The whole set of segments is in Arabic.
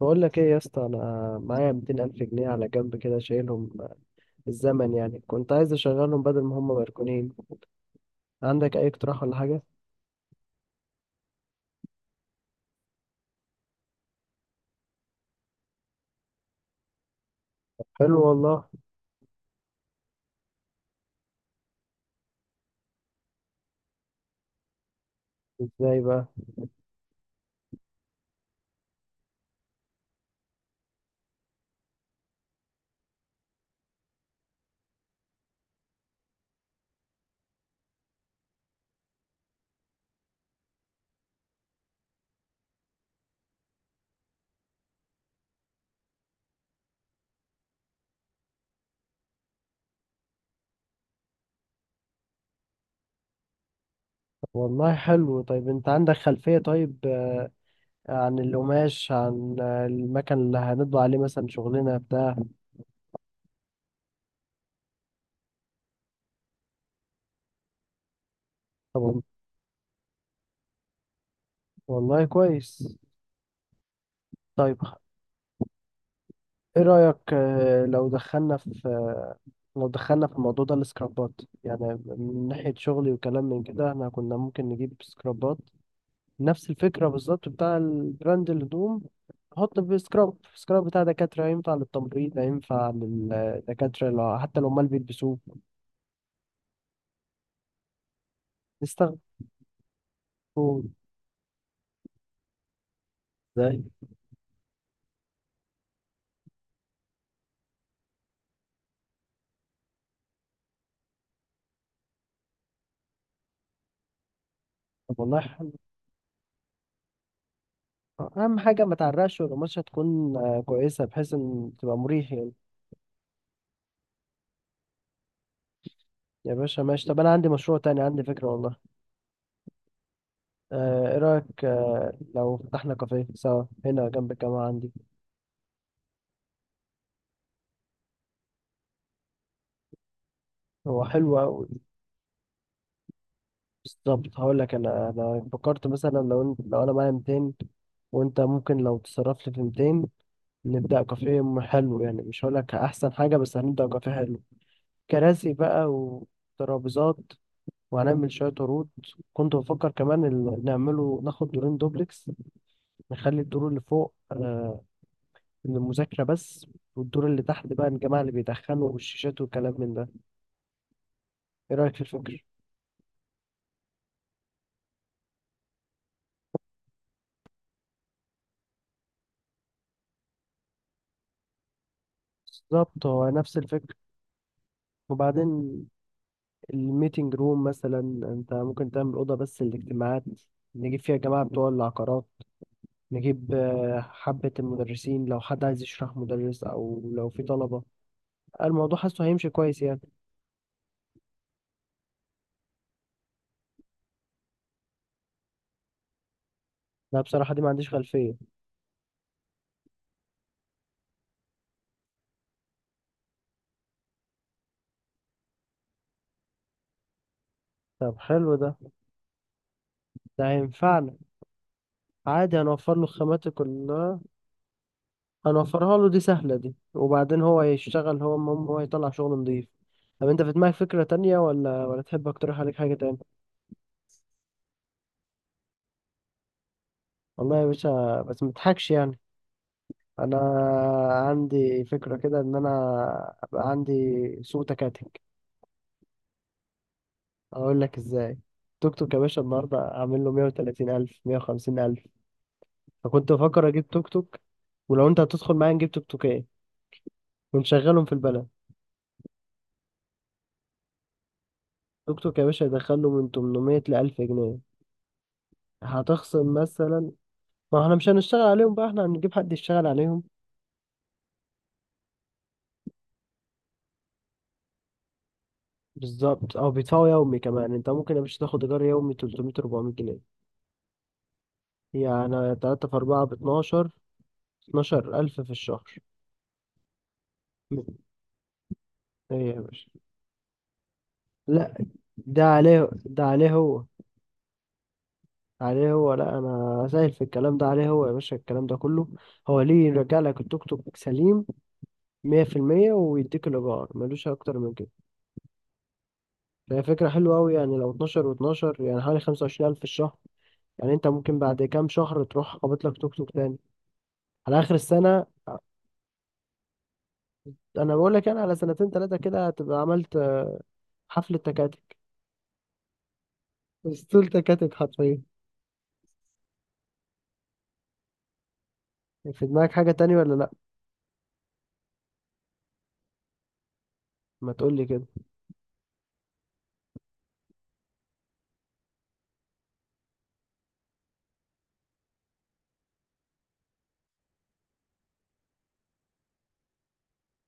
بقول لك ايه يا اسطى؟ انا معايا 200 الف جنيه على جنب، كده شايلهم الزمن، يعني كنت عايز اشغلهم بدل ما هم مركونين. عندك اي اقتراح ولا حاجه؟ حلو والله. ازاي بقى؟ والله حلو. طيب انت عندك خلفيه؟ طيب عن القماش، عن المكان اللي هنطبع عليه، مثلا شغلنا بتاع. طب والله كويس. طيب ايه رايك لو دخلنا في الموضوع ده، السكرابات، يعني من ناحية شغلي وكلام من كده. احنا كنا ممكن نجيب سكرابات نفس الفكرة بالظبط بتاع البراند الهدوم. حط في سكراب سكراب بتاع دكاترة، ينفع للتمريض ينفع للدكاترة، لو حتى لو ما بيلبسوه نستخدمه. ازاي؟ طب والله حلو. أهم حاجة ما تعرقش، والقماشة تكون كويسة، بحيث إن تبقى مريح يعني. يا باشا ماشي. طب أنا عندي مشروع تاني، عندي فكرة والله. إيه رأيك لو فتحنا كافيه سوا هنا جنب الجامعة عندي؟ هو حلو أوي. بالظبط. هقول لك انا فكرت مثلا لو انا معايا 200، وانت ممكن لو تصرف لي في 200، نبدا كافيه. حلو يعني، مش هقول لك احسن حاجه، بس هنبدا كافيه حلو. كراسي بقى وترابيزات، وهنعمل شويه عروض. كنت بفكر كمان نعمله، ناخد دورين دوبلكس. نخلي الدور اللي فوق للمذاكره بس، والدور اللي تحت بقى الجماعه اللي بيدخنوا والشيشات والكلام من ده. ايه رايك في الفكر؟ بالظبط، هو نفس الفكر. وبعدين الميتنج روم مثلا، انت ممكن تعمل اوضه بس للاجتماعات، نجيب فيها جماعه بتوع العقارات، نجيب حبه المدرسين، لو حد عايز يشرح مدرس، او لو في طلبه. الموضوع حاسه هيمشي كويس يعني. لا بصراحه دي ما عنديش خلفيه. طب حلو ده، ده هينفعنا. عادي، هنوفر له الخامات كلها، هنوفرها له، دي سهله دي، وبعدين هو يشتغل. هو المهم هو يطلع شغل نضيف. طب انت في دماغك فكره تانية، ولا تحب اقترح عليك حاجه تانية؟ والله يا باشا بس متضحكش يعني. انا عندي فكرة كده ان انا ابقى عندي سوق تكاتك. اقول لك ازاي. توك توك يا باشا النهارده اعمل له 130 الف، 150 الف. فكنت بفكر اجيب توك توك، ولو انت هتدخل معايا نجيب توك توكين ونشغلهم في البلد. توك توك يا باشا يدخل له من 800 ل 1000 جنيه. هتخصم مثلا. ما احنا مش هنشتغل عليهم بقى، احنا هنجيب حد يشتغل عليهم. بالظبط. او بيدفعوا يومي كمان، انت ممكن يا باشا تاخد ايجار يومي 300 400 جنيه، يعني 3 في 4 ب 12، 12,000 في الشهر. ايه يا باشا؟ لا، ده عليه هو، عليه هو. لا انا سائل في الكلام ده، عليه هو يا باشا الكلام ده كله. هو ليه؟ يرجع لك التوك توك سليم 100%، ويديك الايجار، ملوش اكتر من كده. فهي فكره حلوه قوي يعني. لو 12 و12 يعني حوالي 25,000 في الشهر، يعني انت ممكن بعد كام شهر تروح قابض لك توك توك تاني، على اخر السنه. انا بقول لك انا، على سنتين ثلاثه كده هتبقى عملت حفله تكاتك، اسطول تكاتك حرفيا. في دماغك حاجه تانية ولا لا؟ ما تقول لي كده.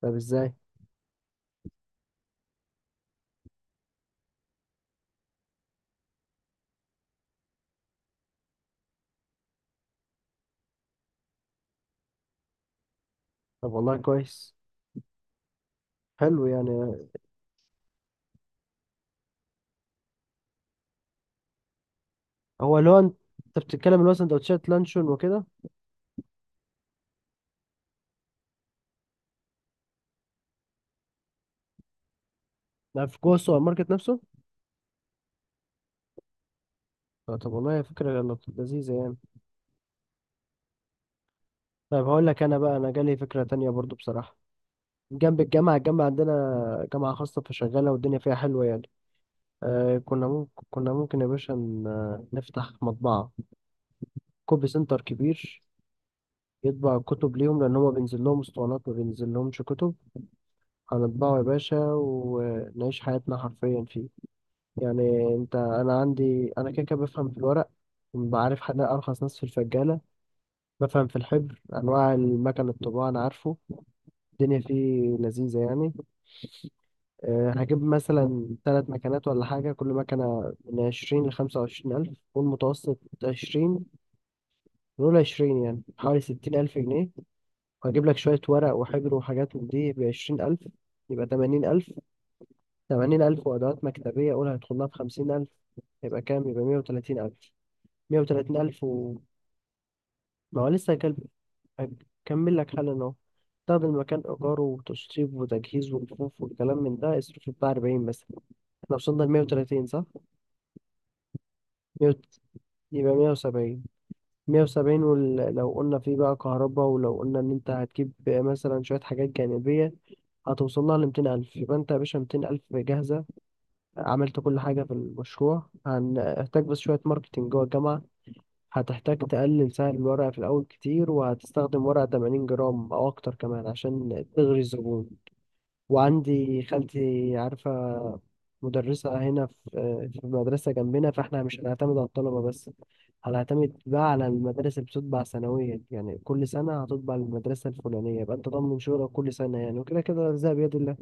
طب ازاي؟ طب والله كويس. حلو يعني. هو اللي هو انت بتتكلم، اللي هو سندوتشات لانشون وكده؟ ده في جوه السوبر ماركت نفسه؟ طب والله فكرة لذيذة يعني. طيب هقول لك انا بقى، انا جالي فكرة تانية برضو بصراحة. جنب الجامعة، الجامعة عندنا جامعة خاصة فشغالة والدنيا فيها حلوة يعني. آه كنا ممكن يا باشا نفتح مطبعة، كوبي سنتر كبير، يطبع الكتب ليهم، لأن هما بينزل لهم اسطوانات ما بينزل لهمش كتب. هنطبعه يا باشا ونعيش حياتنا حرفيا فيه. يعني انت، انا عندي انا كده كده بفهم في الورق، بعرف حد ارخص ناس في الفجالة، بفهم في الحبر، انواع المكن الطباعة انا عارفه. الدنيا فيه لذيذة يعني. أه هجيب مثلا ثلاث مكنات ولا حاجة، كل مكنة من عشرين لخمسة وعشرين ألف، والمتوسط عشرين. نقول عشرين، يعني حوالي ستين ألف جنيه. وهجيب لك شوية ورق وحبر وحاجات من دي بعشرين ألف، يبقى تمانين ألف. تمانين ألف وأدوات مكتبية، قول هيدخلها في خمسين ألف. يبقى كام؟ يبقى مية وتلاتين ألف. مية وتلاتين ألف و. ما هو لسه هكمل لك حالا أهو. تاخد المكان إيجاره وتشطيب وتجهيز ورفوف والكلام من ده، اصرف بتاع أربعين بس. احنا وصلنا لمية وتلاتين صح؟ مية وت- يبقى مية وسبعين. مية وسبعين، ولو قلنا فيه بقى كهرباء، ولو قلنا إن أنت هتجيب مثلا شوية حاجات جانبية، هتوصل لها لميتين ألف. يبقى أنت يا باشا ميتين ألف جاهزة، عملت كل حاجة في المشروع. هنحتاج بس شوية ماركتينج جوه الجامعة. هتحتاج تقلل سعر الورقة في الأول كتير، وهتستخدم ورقة 80 جرام أو أكتر كمان عشان تغري الزبون. وعندي خالتي عارفة مدرسة هنا في، في مدرسة جنبنا، فاحنا مش هنعتمد على الطلبة بس، هنعتمد بقى على المدارس اللي بتطبع سنويا. يعني كل سنة هتطبع المدرسة الفلانية، يبقى أنت ضامن شغلك كل سنة يعني، وكده كده الرزق بيد الله.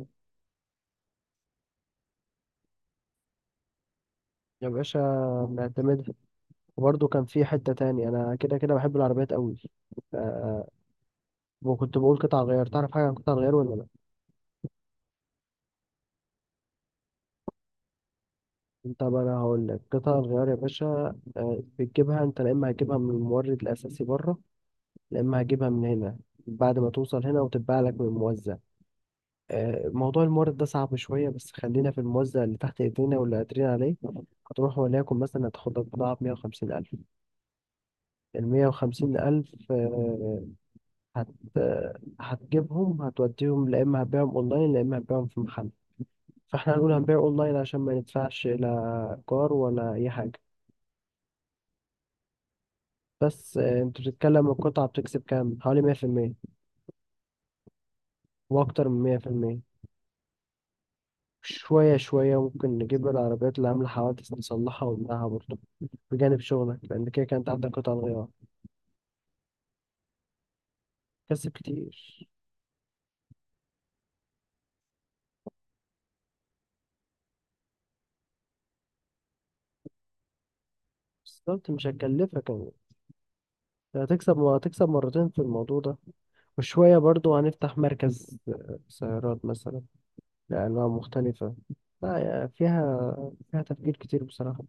يا باشا بنعتمدها. وبرضه كان في حتة تاني، أنا كده كده بحب العربيات أوي. آه، وكنت بقول قطع الغيار. تعرف حاجة عن قطع الغيار ولا لأ؟ أنت بقى، أنا هقول لك قطع الغيار يا باشا. بتجيبها أنت، لا إما هتجيبها من المورد الأساسي بره، لا إما هتجيبها من هنا بعد ما توصل هنا وتتباع لك من الموزع. موضوع المورد ده صعب شوية، بس خلينا في الموزع اللي تحت إيدينا واللي قادرين عليه. هتروح وليكن مثلا هتاخد لك بضاعة بمية وخمسين ألف. المية وخمسين ألف آه، هت آه، هتجيبهم، هتوديهم، لا إما هتبيعهم أونلاين، لا إما هتبيعهم في محل. فاحنا هنقول هنبيع اونلاين عشان ما ندفعش لا ايجار ولا اي حاجه. بس انت بتتكلم القطعه بتكسب كام؟ حوالي 100%، واكتر من 100%. شويه شويه ممكن نجيب العربيات اللي عامله حوادث، نصلحها ونبيعها برضه بجانب شغلك، لان كده كانت عندك قطع غيار. كسب كتير. بالظبط، مش هتكلفك يعني. هتكسب هتكسب مرتين في الموضوع ده. وشوية برضو هنفتح مركز سيارات مثلا لأنواع مختلفة. لا يا- فيها، فيها تفكير كتير بصراحة.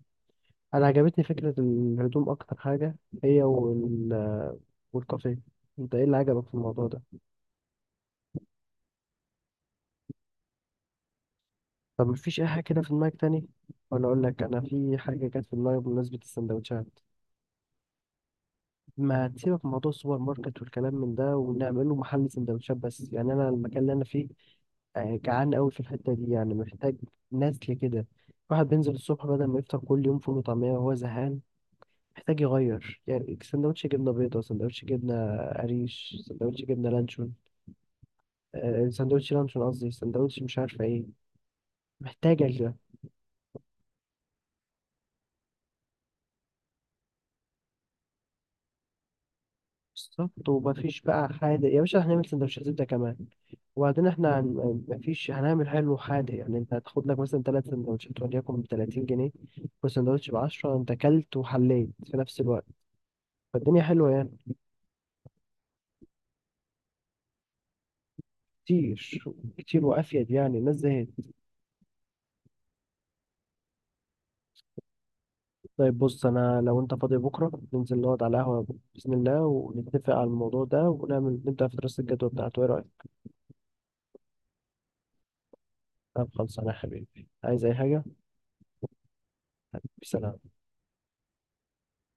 انا عجبتني فكره الهدوم اكتر حاجه، هي والكافيه. انت ايه اللي عجبك في الموضوع ده؟ طب مفيش اي حاجه كده في دماغك تاني؟ ولا اقول لك انا في حاجه كانت في دماغي بمناسبه السندوتشات. ما تسيبك من موضوع السوبر ماركت والكلام من ده ونعمله محل سندوتشات بس. يعني انا المكان اللي انا فيه جعان قوي في الحته دي، يعني محتاج. نسل كده، واحد بينزل الصبح بدل ما يفطر كل يوم فول وطعميه وهو زهقان، محتاج يغير يعني. سندوتش جبنه بيضاء، سندوتش جبنه قريش، سندوتش جبنه لانشون، سندوتش لانشون قصدي، سندوتش مش عارفة ايه. محتاجة كده. بالظبط. ومفيش بقى حادق يا باشا، هنعمل سندوتشات زبدة كمان. وبعدين احنا مفيش، هنعمل حلو حادق يعني. انت هتاخد لك مثلا تلات سندوتشات وليكن ب 30 جنيه، والسندوتش ب 10. انت كلت وحليت في نفس الوقت، فالدنيا حلوة يعني. كتير، كتير وافيد يعني، الناس زهقت. طيب بص، انا لو انت فاضي بكرة ننزل نقعد على القهوة بإذن الله، ونتفق على الموضوع ده، ونعمل نبدأ في دراسة الجدوى بتاعته. ايه رأيك؟ طب خلصانة يا حبيبي. عايز اي حاجة؟ سلام.